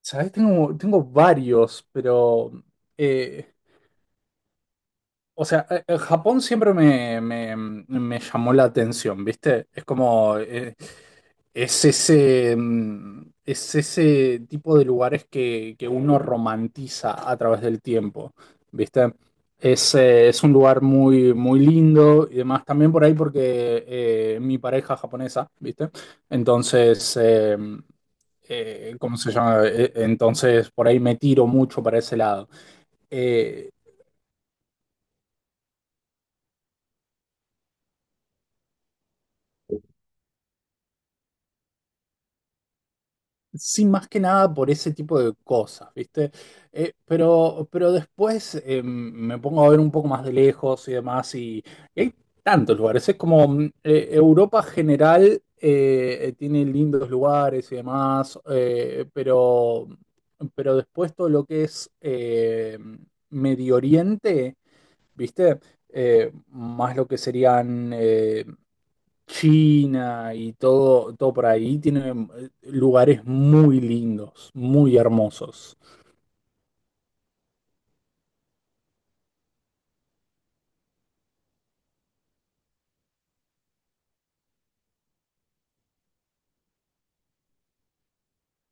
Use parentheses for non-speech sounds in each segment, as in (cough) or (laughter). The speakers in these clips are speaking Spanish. ¿Sabes? Tengo varios, pero eh, o sea, Japón siempre me llamó la atención, ¿viste? Es como, es ese, es ese tipo de lugares que uno romantiza a través del tiempo, ¿viste? Es un lugar muy, muy lindo y demás, también por ahí porque mi pareja es japonesa, ¿viste? Entonces, ¿cómo se llama? Entonces, por ahí me tiro mucho para ese lado. Eh, Sí, más que nada por ese tipo de cosas, ¿viste? Pero después me pongo a ver un poco más de lejos y demás, y hay tantos lugares. Es como Europa general tiene lindos lugares y demás, pero después todo lo que es Medio Oriente, ¿viste? Más lo que serían China y todo, todo por ahí, tiene lugares muy lindos, muy hermosos.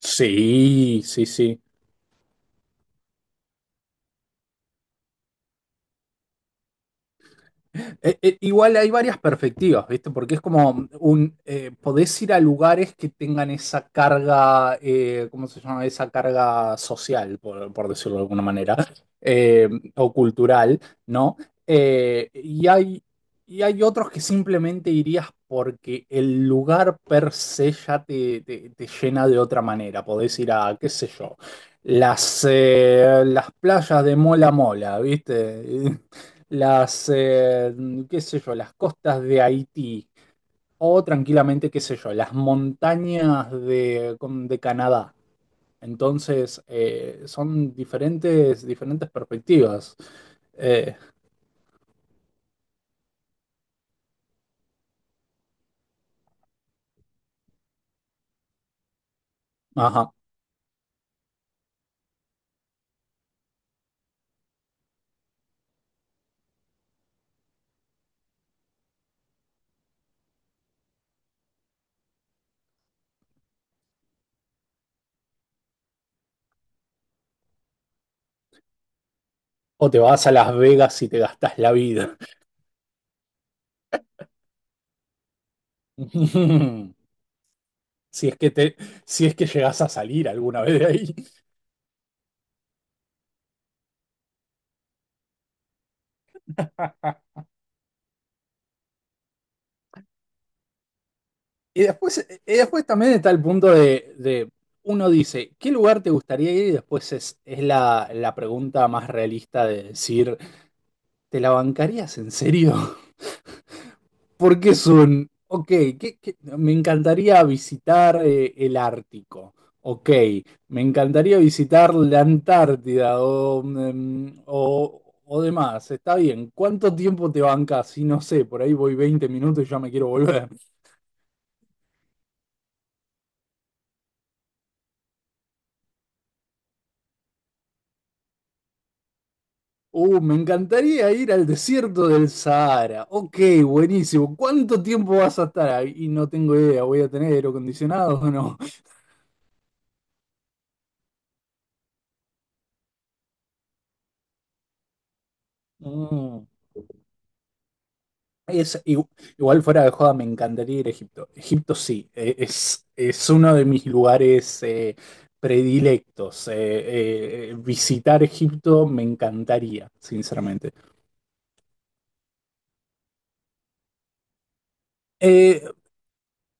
Sí, sí, sí. Igual hay varias perspectivas, ¿viste? Porque es como podés ir a lugares que tengan esa carga, ¿cómo se llama? Esa carga social, por decirlo de alguna manera, eh, o cultural, ¿no? Eh, y hay, y hay otros que simplemente irías porque el lugar per se ya te llena de otra manera. Podés ir a, qué sé yo, las playas de Mola Mola, ¿viste? (laughs) las, eh, qué sé yo, las costas de Haití o tranquilamente, qué sé yo, las montañas de, de Canadá. Entonces, son diferentes, diferentes perspectivas. Eh, ajá. O te vas a Las Vegas y te gastas la vida. (laughs) Si es que te, si es que llegas a salir alguna vez de ahí. Y después, y después también está el punto uno dice, ¿qué lugar te gustaría ir? Y después es la pregunta más realista de decir, ¿te la bancarías en serio? (laughs) Porque es ok, me encantaría visitar el Ártico, ok, me encantaría visitar la Antártida o o, demás, está bien, ¿cuánto tiempo te bancas? Si no sé, por ahí voy 20 minutos y ya me quiero volver. Me encantaría ir al desierto del Sahara. Ok, buenísimo. ¿Cuánto tiempo vas a estar ahí? Y no tengo idea. ¿Voy a tener aire acondicionado o no? (laughs) Mm. Es, igu- igual fuera de joda, me encantaría ir a Egipto. Egipto sí, es uno de mis lugares predilectos. Visitar Egipto me encantaría, sinceramente. Eh,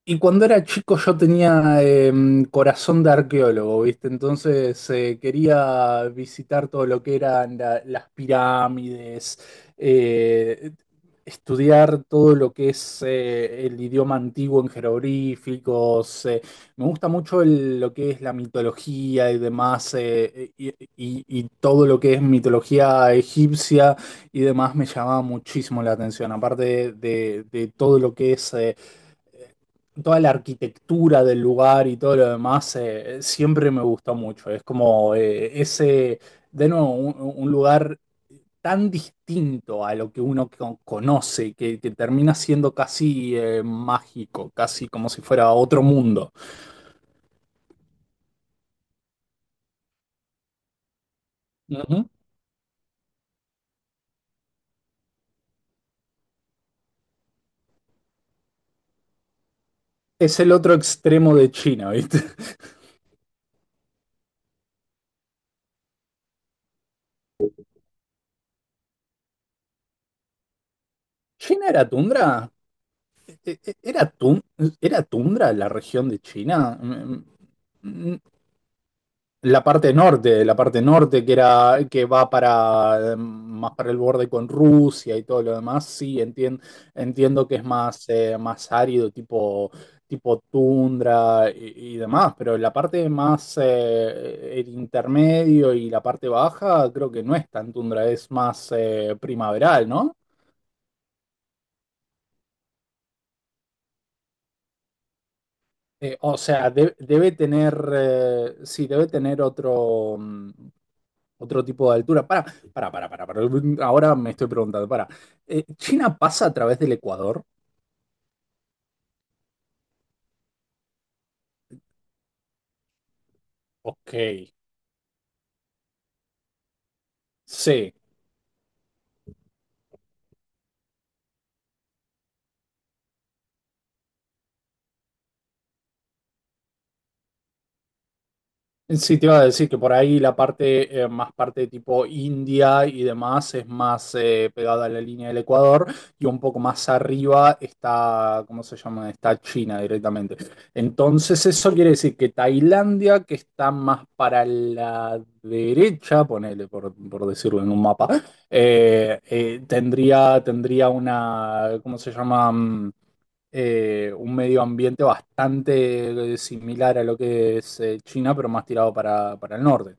Y cuando era chico yo tenía corazón de arqueólogo, ¿viste? Entonces quería visitar todo lo que eran las pirámides, eh, estudiar todo lo que es el idioma antiguo en jeroglíficos. Me gusta mucho lo que es la mitología y demás, y todo lo que es mitología egipcia y demás me llamaba muchísimo la atención, aparte de, de todo lo que es toda la arquitectura del lugar y todo lo demás, siempre me gustó mucho. Es como ese, de nuevo, un lugar tan distinto a lo que uno conoce, que termina siendo casi mágico, casi como si fuera otro mundo. Ujú. Es el otro extremo de China, ¿viste? (laughs) ¿China era tundra? E- e- e, ¿Era, tun- Era tundra la región de China? Mm, la parte norte que era que va para más para el borde con Rusia y todo lo demás, sí, entiendo que es más, más árido, tipo, tipo tundra y demás, pero la parte más el intermedio y la parte baja creo que no es tan tundra, es más primaveral, ¿no? O sea, debe tener, sí, debe tener otro, otro tipo de altura. Ahora me estoy preguntando, para. ¿China pasa a través del Ecuador? Ok, sí. Sí, te iba a decir que por ahí la parte, más parte tipo India y demás es más pegada a la línea del Ecuador y un poco más arriba está, ¿cómo se llama? Está China directamente. Entonces eso quiere decir que Tailandia, que está más para la derecha, ponele por decirlo en un mapa, tendría una, ¿cómo se llama? Un medio ambiente bastante similar a lo que es China, pero más tirado para el norte.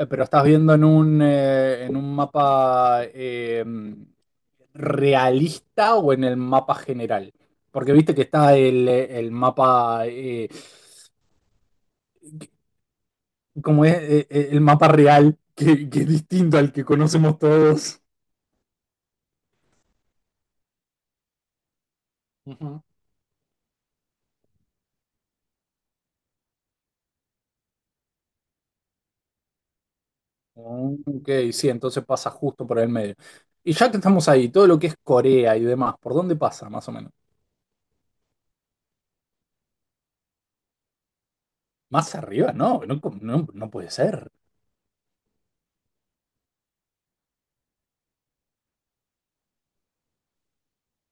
Pero estás viendo en en un mapa realista o en el mapa general. Porque viste que está el mapa, como es el mapa real, que es distinto al que conocemos todos. Ujú. Ok, sí, entonces pasa justo por el medio. Y ya que estamos ahí, todo lo que es Corea y demás, ¿por dónde pasa más o menos? Más arriba, no, no, no, no puede ser.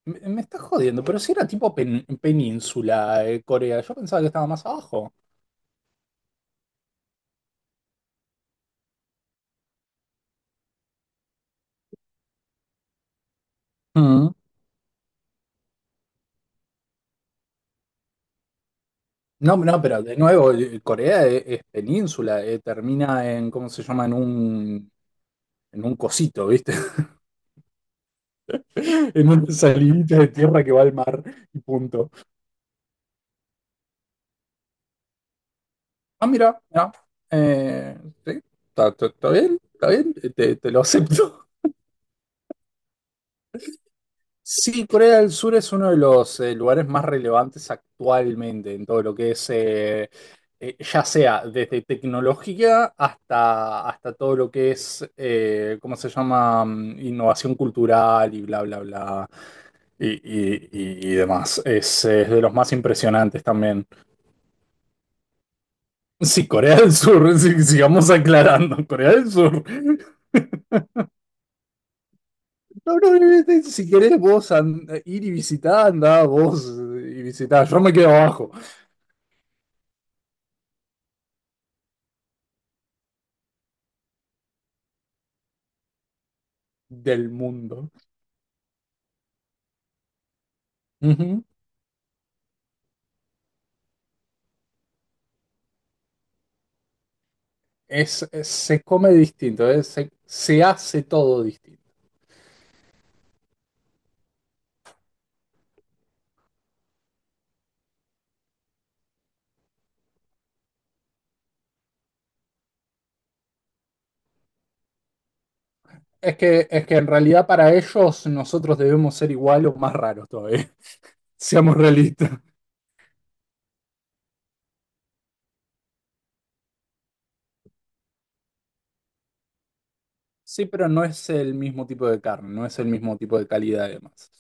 Me estás jodiendo, pero si era tipo península de Corea, yo pensaba que estaba más abajo. Mm. No, no, pero de nuevo, Corea es, península, termina en, ¿cómo se llama? En un cosito, ¿viste? (laughs) En una salidita de tierra que va al mar y punto. Ah, mira, mira, eh, sí, está, está bien, te, te lo acepto. Sí, Corea del Sur es uno de los lugares más relevantes actualmente en todo lo que es, ya sea desde tecnología hasta, hasta todo lo que es, ¿cómo se llama? Innovación cultural y bla, bla, bla, y demás. Es de los más impresionantes también. Sí, Corea del Sur, (laughs) sí, sigamos aclarando, Corea del Sur. No, no, si querés vos ir y visitar, andá vos y visitá, yo me quedo abajo. Del mundo. Ujú. Es, se come distinto, se, se hace todo distinto. Es que en realidad para ellos nosotros debemos ser igual o más raros todavía, (laughs) seamos realistas. Sí, pero no es el mismo tipo de carne, no es el mismo tipo de calidad además.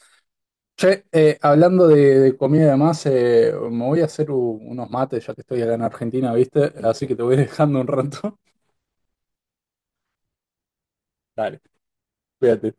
Che, hablando de comida y demás, me voy a hacer unos mates ya que estoy acá en Argentina, ¿viste? Así que te voy (laughs) dejando un rato. (laughs) Dale, cuídate.